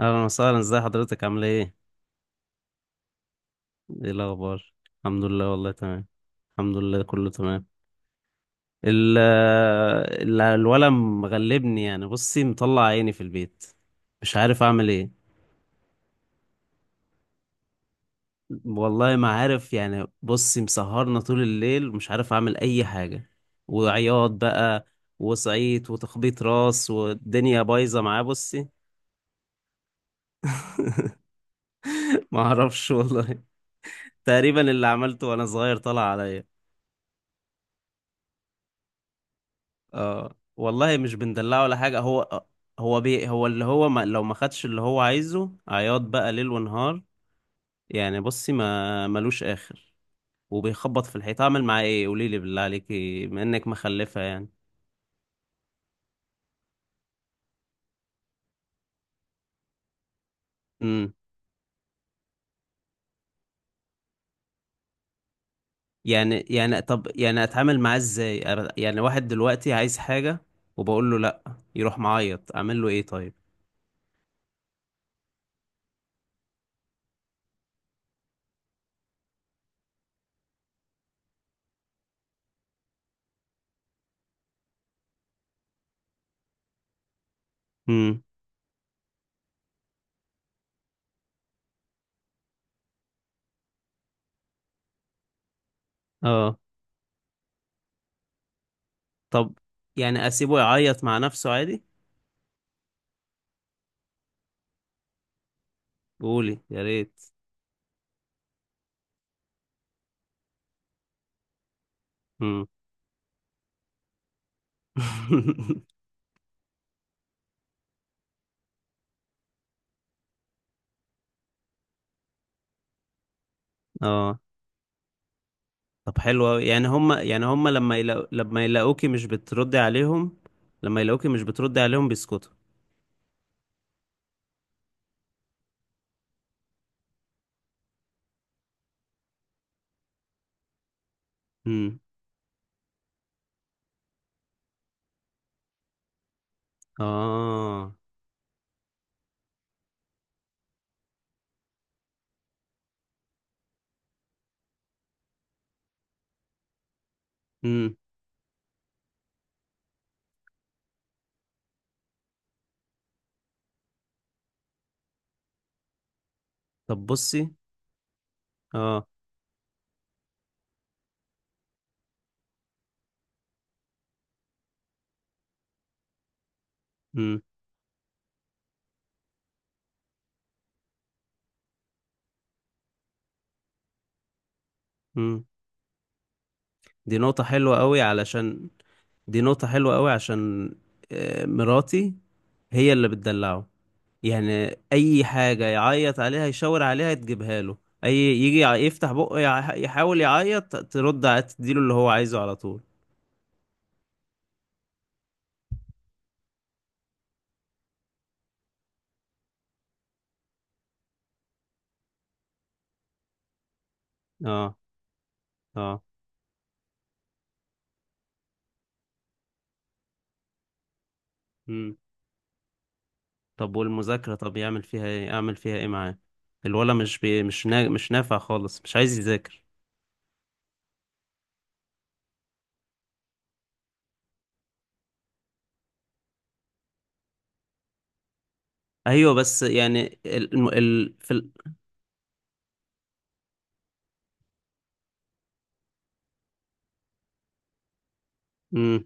اهلا وسهلا. ازي حضرتك؟ عامله ايه؟ ايه الاخبار؟ الحمد لله، والله تمام. الحمد لله كله تمام. ال الولد مغلبني، يعني بصي، مطلع عيني في البيت. مش عارف اعمل ايه. والله ما عارف، يعني بصي، مسهرنا طول الليل، ومش عارف اعمل اي حاجه. وعياط بقى، وصعيط وتخبيط راس، والدنيا بايظه معاه. بصي، ما اعرفش والله. تقريبا اللي عملته وانا صغير طلع عليا. اه والله، مش بندلعه ولا حاجة. هو هو بي هو اللي هو ما لو ما خدش اللي هو عايزه، عياط بقى ليل ونهار. يعني بصي، ما ملوش آخر. وبيخبط في الحيط. اعمل معاه ايه؟ قولي لي بالله عليكي بما انك مخلفة يعني. امم. يعني طب، يعني اتعامل معاه ازاي؟ يعني واحد دلوقتي عايز حاجة وبقول له لا، يروح معيط. اعمل له ايه طيب؟ امم. اه. طب يعني اسيبه يعيط مع نفسه عادي؟ قولي يا ريت. امم. اه. طب حلو أوي. يعني هم لما يلاقوكي مش بتردي عليهم، لما يلاقوكي مش بتردي عليهم بيسكتوا؟ امم. اه. امم. طب بصي. اه. امم. امم. دي نقطة حلوة قوي علشان دي نقطة حلوة قوي، عشان مراتي هي اللي بتدلعه. يعني اي حاجة يعيط عليها يشاور عليها تجيبها له. يجي يفتح بقه، يحاول يعيط، تديله اللي هو عايزه على طول. اه. اه. طب والمذاكرة؟ طب يعمل فيها ايه؟ اعمل فيها ايه معاه؟ الولا مش مش مش نافع خالص، مش عايز يذاكر. ايوه، بس يعني ال... الم- ال... في ال... مم.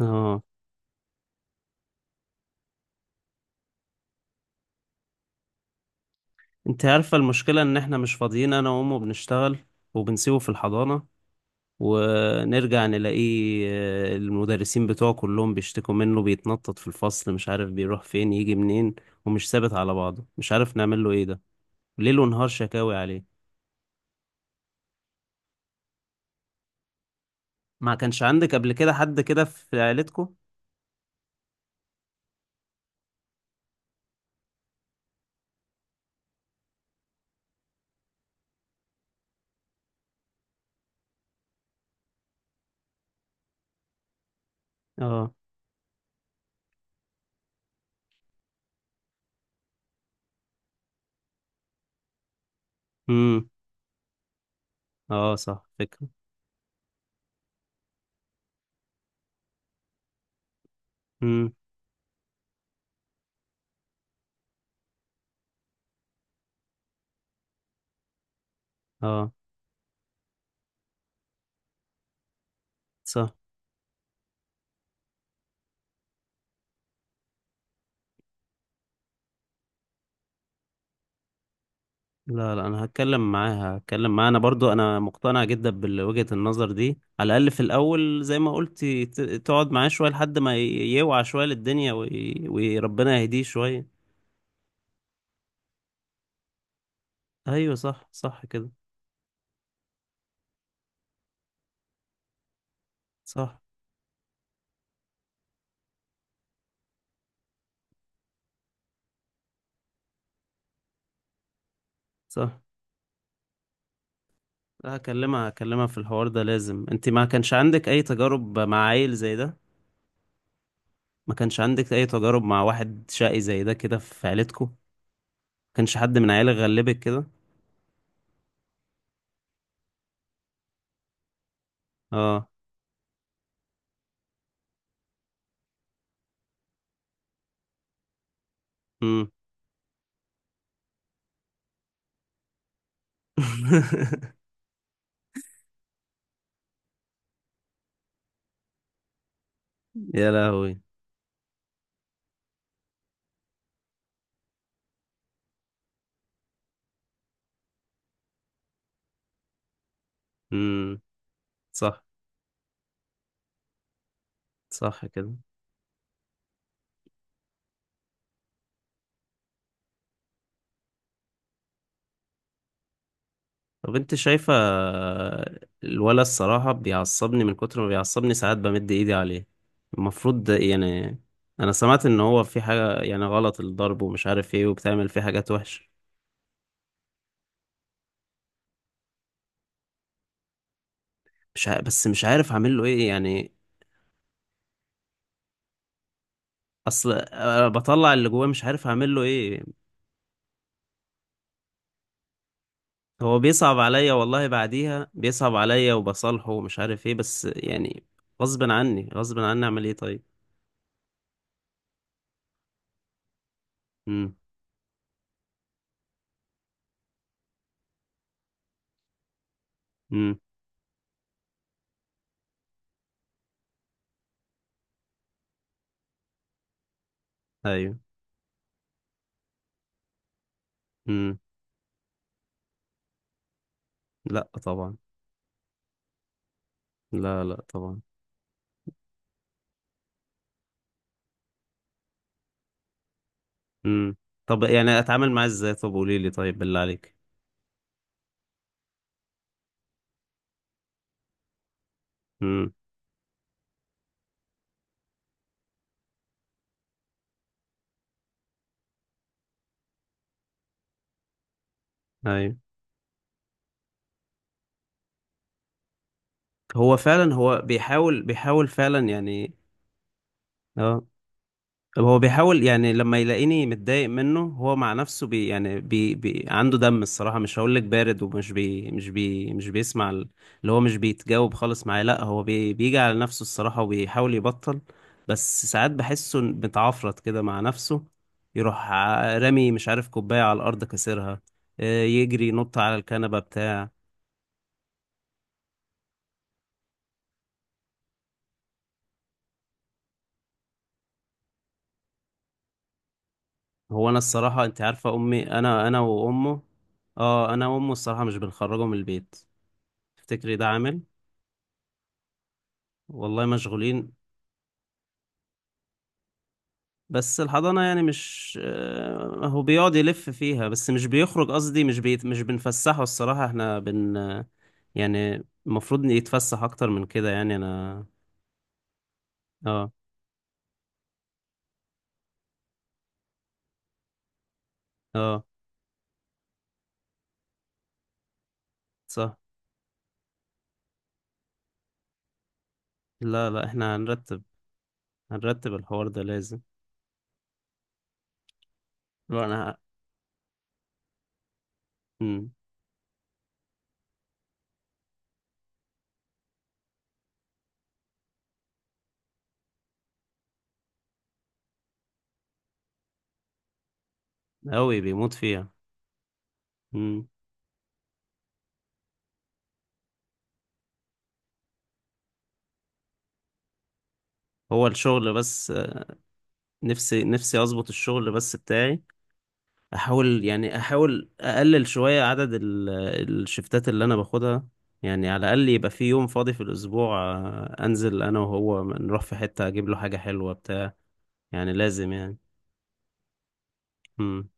اه. انت عارفة المشكلة؟ ان احنا مش فاضيين، انا وامه بنشتغل وبنسيبه في الحضانة، ونرجع نلاقيه المدرسين بتوعه كلهم بيشتكوا منه، بيتنطط في الفصل، مش عارف بيروح فين يجي منين، ومش ثابت على بعضه. مش عارف نعمل له ايه ده. ليل ونهار شكاوي عليه. ما كانش عندك قبل كده حد كده في عيلتكم؟ اه. امم. اه صح، فكرة. امم. اه صح. لا لا، انا هتكلم معاها، هتكلم معاها. انا برضو انا مقتنع جدا بوجهة النظر دي، على الاقل في الاول زي ما قلت تقعد معاه شوية لحد ما يوعى شوية للدنيا، وربنا يهديه شوية. ايوه صح، صح كده. صح صح. لا، هكلمها، هكلمها في الحوار ده لازم. انت ما كانش عندك اي تجارب مع عيل زي ده؟ ما كانش عندك اي تجارب مع واحد شقي زي ده كده في عيلتكم؟ ما كانش حد من عيالك غلبك كده؟ اه. امم. يا لهوي. امم. صح صح كده. طب انت شايفة؟ الولا الصراحة بيعصبني، من كتر ما بيعصبني ساعات بمد ايدي عليه. المفروض ده يعني، انا سمعت ان هو في حاجة، يعني غلط الضرب ومش عارف ايه، وبتعمل فيه حاجات وحش. مش ع... بس مش عارف اعمل له ايه يعني. اصل أنا بطلع اللي جواه، مش عارف اعمل له ايه. هو بيصعب عليا والله، بعديها بيصعب عليا وبصالحه ومش عارف ايه. بس يعني غصب عني، غصب عني. اعمل ايه طيب؟ امم. ايوه. امم. لا طبعا. لا لا طبعا. امم. طب يعني اتعامل معاه ازاي؟ طب قولي لي طيب بالله عليك. امم. ايوه. هو فعلا، هو بيحاول فعلا يعني. اه. طب هو بيحاول. يعني لما يلاقيني متضايق منه، هو مع نفسه يعني بي بي عنده دم الصراحة، مش هقول لك بارد، ومش بي مش بي مش بيسمع اللي هو، مش بيتجاوب خالص معايا. لا هو بيجي على نفسه الصراحة وبيحاول يبطل. بس ساعات بحسه متعفرت كده مع نفسه، يروح رامي مش عارف كوباية على الأرض كسرها، يجري ينط على الكنبة بتاع. هو، أنا الصراحة أنت عارفة، أمي، أنا وأمه، اه أنا وأمه الصراحة مش بنخرجه من البيت. تفتكري ده عامل؟ والله مشغولين. بس الحضانة يعني مش هو بيقعد يلف فيها بس مش بيخرج. قصدي مش بنفسحه الصراحة. احنا بن آه، يعني المفروض إن يتفسح أكتر من كده، يعني أنا. اه. اه صح. لا لا، احنا هنرتب، هنرتب الحوار ده لازم. لا أنا، مم. أوي بيموت فيها. مم. هو الشغل بس نفسي، نفسي أظبط الشغل بس بتاعي. احاول يعني احاول اقلل شوية عدد الشفتات اللي انا باخدها. يعني على الاقل يبقى في يوم فاضي في الاسبوع، انزل انا وهو نروح في حتة اجيب له حاجة حلوة بتاع. يعني لازم يعني. امم.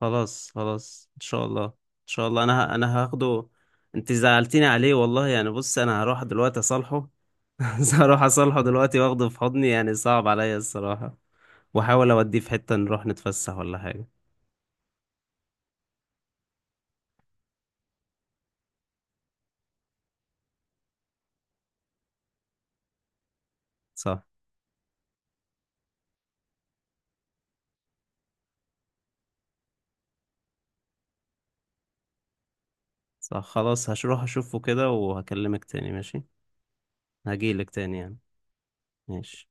خلاص خلاص ان شاء الله. ان شاء الله انا هاخده. انت زعلتيني عليه والله يعني. بص انا هروح دلوقتي اصالحه. هروح اصالحه دلوقتي واخده في حضني، يعني صعب عليا الصراحة. واحاول اوديه في حتة نروح نتفسح ولا حاجة. صح صح. خلاص، هروح اشوفه كده وهكلمك تاني، ماشي؟ هجيلك تاني يعني. ماشي.